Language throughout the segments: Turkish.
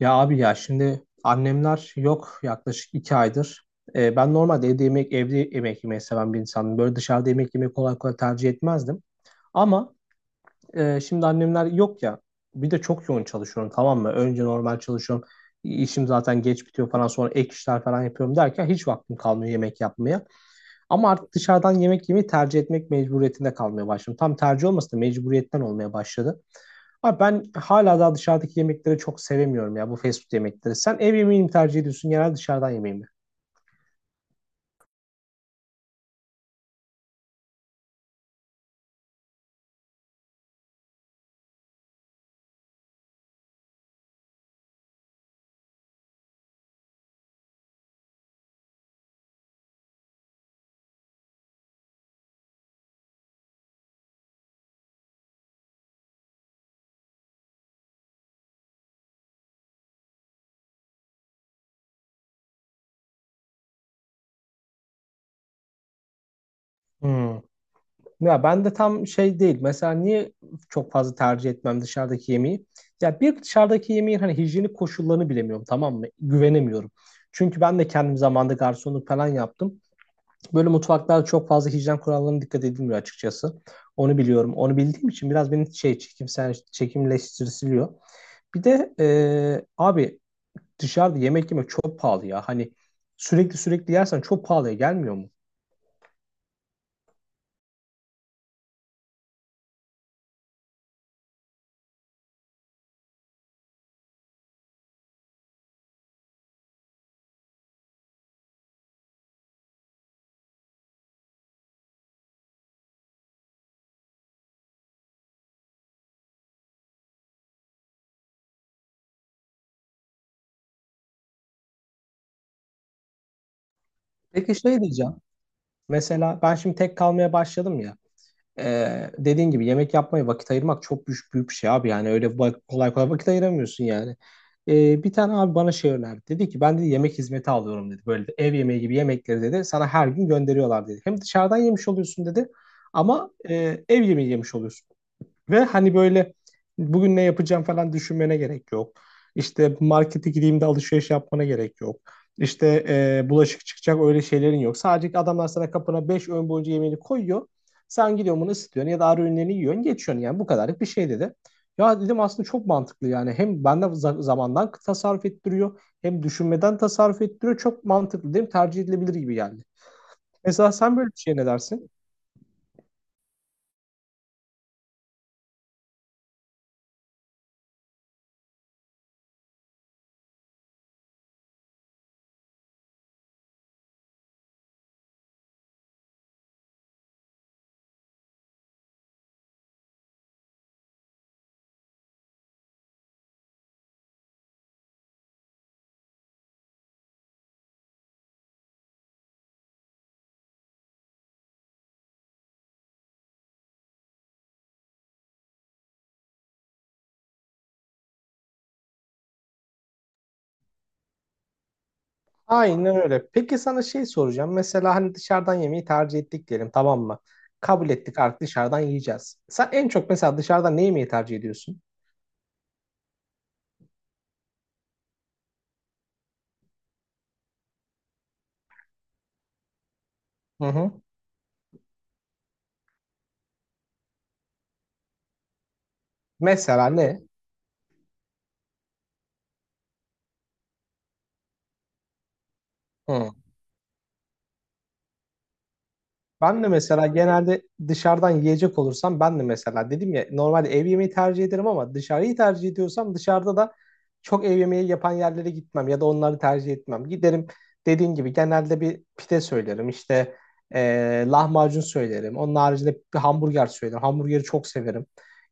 Ya abi ya şimdi annemler yok yaklaşık 2 aydır. Ben normalde evde yemek yemeyi seven bir insanım. Böyle dışarıda yemek yemeyi kolay kolay tercih etmezdim. Ama Şimdi annemler yok ya. Bir de çok yoğun çalışıyorum, tamam mı? Önce normal çalışıyorum. İşim zaten geç bitiyor falan, sonra ek işler falan yapıyorum derken hiç vaktim kalmıyor yemek yapmaya. Ama artık dışarıdan yemek yemeyi tercih etmek mecburiyetinde kalmaya başladım. Tam tercih olmasa da mecburiyetten olmaya başladı. Abi ben hala daha dışarıdaki yemekleri çok sevemiyorum ya, bu fast food yemekleri. Sen ev yemeğini mi tercih ediyorsun genelde, dışarıdan yemeği mi? Hmm. Ya ben de tam şey değil. Mesela niye çok fazla tercih etmem dışarıdaki yemeği? Ya bir, dışarıdaki yemeğin hani hijyenik koşullarını bilemiyorum, tamam mı? Güvenemiyorum. Çünkü ben de kendim zamanında garsonluk falan yaptım. Böyle mutfaklarda çok fazla hijyen kurallarına dikkat edilmiyor açıkçası. Onu biliyorum. Onu bildiğim için biraz beni şey, çekimsel çekimleştiriliyor. Bir de abi dışarıda yemek yemek çok pahalı ya. Hani sürekli yersen çok pahalıya gelmiyor mu? Peki şey diyeceğim. Mesela ben şimdi tek kalmaya başladım ya. Dediğin gibi yemek yapmaya vakit ayırmak çok büyük, büyük bir şey abi. Yani öyle kolay kolay vakit ayıramıyorsun yani. Bir tane abi bana şey önerdi. Dedi ki ben de yemek hizmeti alıyorum dedi. Böyle de ev yemeği gibi yemekleri dedi. Sana her gün gönderiyorlar dedi. Hem dışarıdan yemiş oluyorsun dedi. Ev yemeği yemiş oluyorsun. Ve hani böyle bugün ne yapacağım falan düşünmene gerek yok. İşte markete gideyim de alışveriş yapmana gerek yok. İşte bulaşık çıkacak öyle şeylerin yok. Sadece adamlar sana kapına 5 öğün boyunca yemeğini koyuyor. Sen gidiyorsun bunu ısıtıyorsun ya da ara öğünlerini yiyorsun geçiyorsun, yani bu kadarlık bir şey dedi. Ya dedim aslında çok mantıklı, yani hem bende zamandan tasarruf ettiriyor hem düşünmeden tasarruf ettiriyor. Çok mantıklı değil mi? Tercih edilebilir gibi geldi. Mesela sen böyle bir şey ne dersin? Aynen öyle. Peki sana şey soracağım. Mesela hani dışarıdan yemeği tercih ettik diyelim, tamam mı? Kabul ettik, artık dışarıdan yiyeceğiz. Sen en çok mesela dışarıdan ne yemeği tercih ediyorsun? Hı hı. Mesela ne? Hı. Ben de mesela genelde dışarıdan yiyecek olursam, ben de mesela dedim ya normalde ev yemeği tercih ederim ama dışarıyı tercih ediyorsam dışarıda da çok ev yemeği yapan yerlere gitmem ya da onları tercih etmem. Giderim, dediğin gibi genelde bir pide söylerim, işte lahmacun söylerim. Onun haricinde bir hamburger söylerim. Hamburgeri çok severim.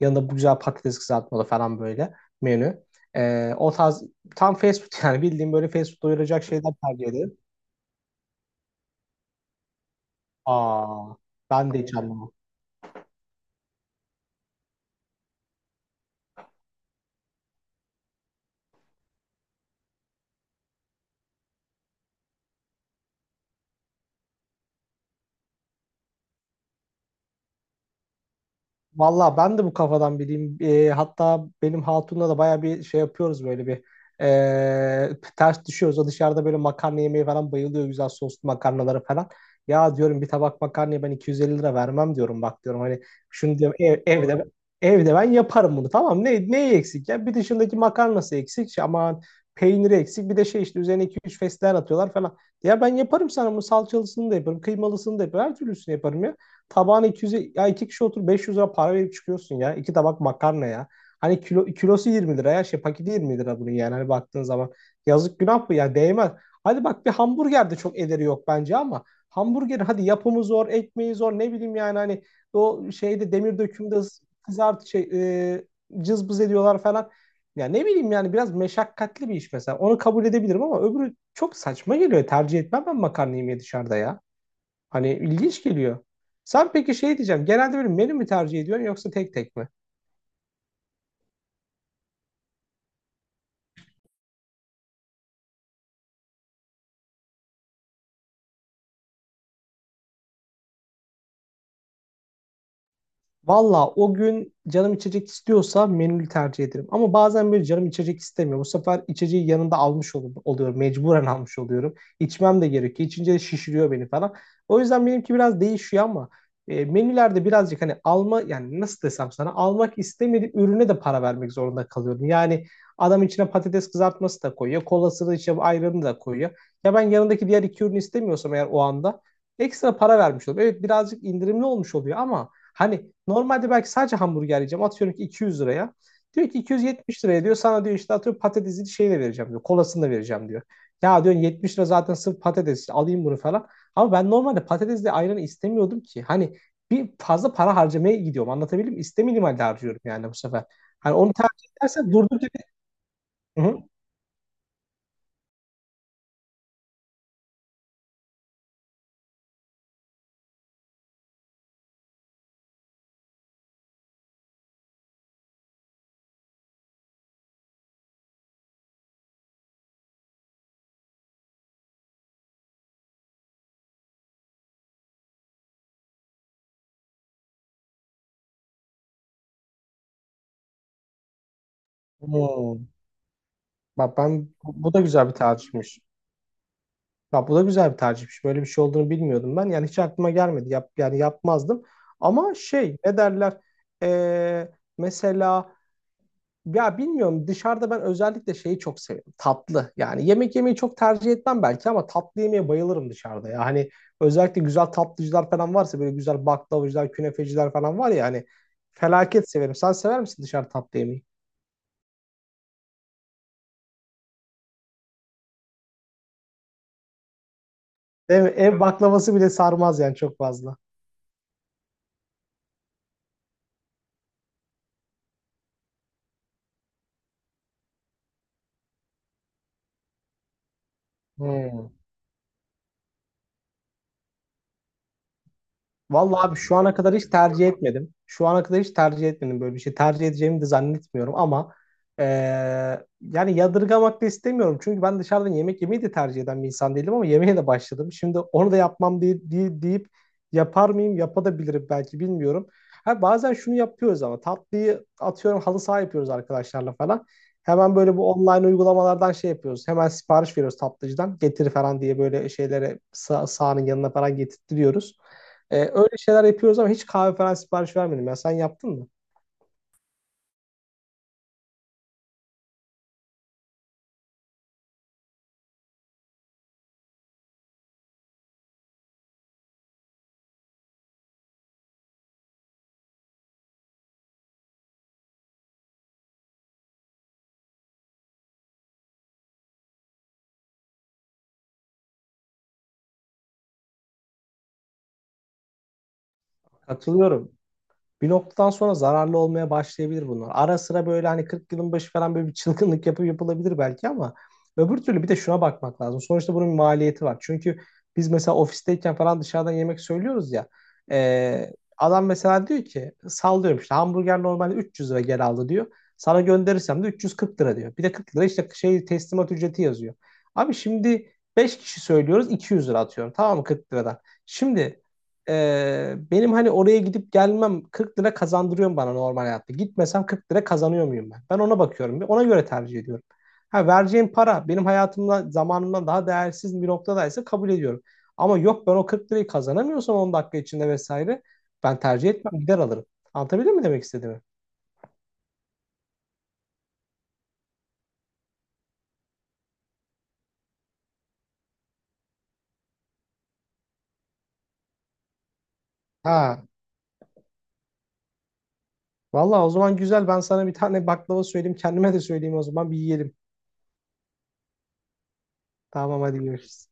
Yanında bu güzel patates kızartmalı falan böyle menü. O tarz tam fast food yani bildiğim böyle fast food doyuracak şeyler tercih ederim. Aa, ben de hiç anlamam. Valla ben de bu kafadan biriyim. Hatta benim hatunla da baya bir şey yapıyoruz, böyle bir ee, ters düşüyoruz. O dışarıda böyle makarna yemeye falan bayılıyor, güzel soslu makarnalara falan. Ya diyorum bir tabak makarnaya ben 250 lira vermem diyorum, bak diyorum hani şunu diyorum, evde ben yaparım bunu, tamam, ne, neyi eksik ya bir, dışındaki makarnası eksik, şey, aman peyniri eksik, bir de şey, işte üzerine 2-3 fesleğen atıyorlar falan. Ya ben yaparım sana bunu, salçalısını da yaparım, kıymalısını da yaparım, her türlüsünü yaparım ya, tabağına 200, ya iki kişi otur 500 lira para verip çıkıyorsun ya. İki tabak makarna ya. Hani kilo, kilosu 20 lira ya şey, paketi 20 lira bunun, yani hani baktığın zaman. Yazık, günah bu ya, değmez. Hadi bak bir hamburger de çok ederi yok bence, ama hamburger hadi yapımı zor, ekmeği zor, ne bileyim yani hani o şeyde, demir dökümde kızart şey, cızbız ediyorlar falan. Ya ne bileyim yani biraz meşakkatli bir iş mesela. Onu kabul edebilirim, ama öbürü çok saçma geliyor. Tercih etmem ben makarna yemeği dışarıda ya. Hani ilginç geliyor. Sen peki şey diyeceğim. Genelde böyle menü mü tercih ediyorsun yoksa tek tek mi? Valla, o gün canım içecek istiyorsa menülü tercih ederim. Ama bazen böyle canım içecek istemiyor. Bu sefer içeceği yanında almış oluyorum. Mecburen almış oluyorum. İçmem de gerekiyor. İçince de şişiriyor beni falan. O yüzden benimki biraz değişiyor, menülerde birazcık hani alma, yani nasıl desem sana, almak istemediğim ürüne de para vermek zorunda kalıyorum. Yani adam içine patates kızartması da koyuyor. Kolasını işte, ayranı da koyuyor. Ya ben yanındaki diğer iki ürünü istemiyorsam eğer o anda ekstra para vermiş oluyorum. Evet, birazcık indirimli olmuş oluyor ama hani normalde belki sadece hamburger yiyeceğim. Atıyorum ki 200 liraya. Diyor ki 270 liraya diyor. Sana diyor işte atıyorum patatesini şeyle vereceğim diyor. Kolasını da vereceğim diyor. Ya diyorsun 70 lira zaten sırf patates, işte alayım bunu falan. Ama ben normalde patatesle ayranı istemiyordum ki. Hani bir fazla para harcamaya gidiyorum. Anlatabildim mi? İstemediğim halde harcıyorum yani bu sefer. Hani onu tercih edersen durdur gibi. Hı hı. Hmm. Bak ben bu, bu da güzel bir tercihmiş. Ya bu da güzel bir tercihmiş. Böyle bir şey olduğunu bilmiyordum ben. Yani hiç aklıma gelmedi. Yap, yani yapmazdım. Ama şey ne derler? Ee, Mesela ya bilmiyorum, dışarıda ben özellikle şeyi çok seviyorum. Tatlı. Yani yemek yemeyi çok tercih etmem belki ama tatlı yemeye bayılırım dışarıda. Ya hani özellikle güzel tatlıcılar falan varsa, böyle güzel baklavacılar, künefeciler falan var ya hani, felaket severim. Sen sever misin dışarı tatlı yemeyi? Değil mi? Ev baklavası bile sarmaz yani çok fazla. Hmm. Vallahi abi şu ana kadar hiç tercih etmedim. Şu ana kadar hiç tercih etmedim böyle bir şey. Tercih edeceğimi de zannetmiyorum, ama eee, yani yadırgamak da istemiyorum. Çünkü ben dışarıdan yemek yemeyi de tercih eden bir insan değilim ama yemeğe de başladım. Şimdi onu da yapmam diye, deyip yapar mıyım? Yapabilirim belki, bilmiyorum. Ha, bazen şunu yapıyoruz ama, tatlıyı atıyorum halı saha yapıyoruz arkadaşlarla falan. Hemen böyle bu online uygulamalardan şey yapıyoruz. Hemen sipariş veriyoruz tatlıcıdan. Getir falan diye böyle şeylere sahanın yanına falan getirtiyoruz. E, öyle şeyler yapıyoruz ama hiç kahve falan sipariş vermedim. Ya sen yaptın mı? Katılıyorum. Bir noktadan sonra zararlı olmaya başlayabilir bunlar. Ara sıra böyle hani 40 yılın başı falan böyle bir çılgınlık yapıp yapılabilir belki, ama öbür türlü bir de şuna bakmak lazım. Sonuçta bunun bir maliyeti var. Çünkü biz mesela ofisteyken falan dışarıdan yemek söylüyoruz ya. e, Adam mesela diyor ki, sallıyorum işte hamburger normalde 300 lira gel aldı diyor. Sana gönderirsem de 340 lira diyor. Bir de 40 lira işte şey teslimat ücreti yazıyor. Abi şimdi 5 kişi söylüyoruz 200 lira, atıyorum tamam mı, 40 liradan. Şimdi benim hani oraya gidip gelmem 40 lira kazandırıyor bana normal hayatta? Gitmesem 40 lira kazanıyor muyum ben? Ben ona bakıyorum, ona göre tercih ediyorum. Ha, vereceğim para benim hayatımda zamanımdan daha değersiz bir noktadaysa kabul ediyorum. Ama yok ben o 40 lirayı kazanamıyorsam 10 dakika içinde vesaire, ben tercih etmem, gider alırım. Anlatabildim mi demek istediğimi? Ha, vallahi o zaman güzel, ben sana bir tane baklava söyleyeyim, kendime de söyleyeyim, o zaman bir yiyelim. Tamam, hadi görüşürüz.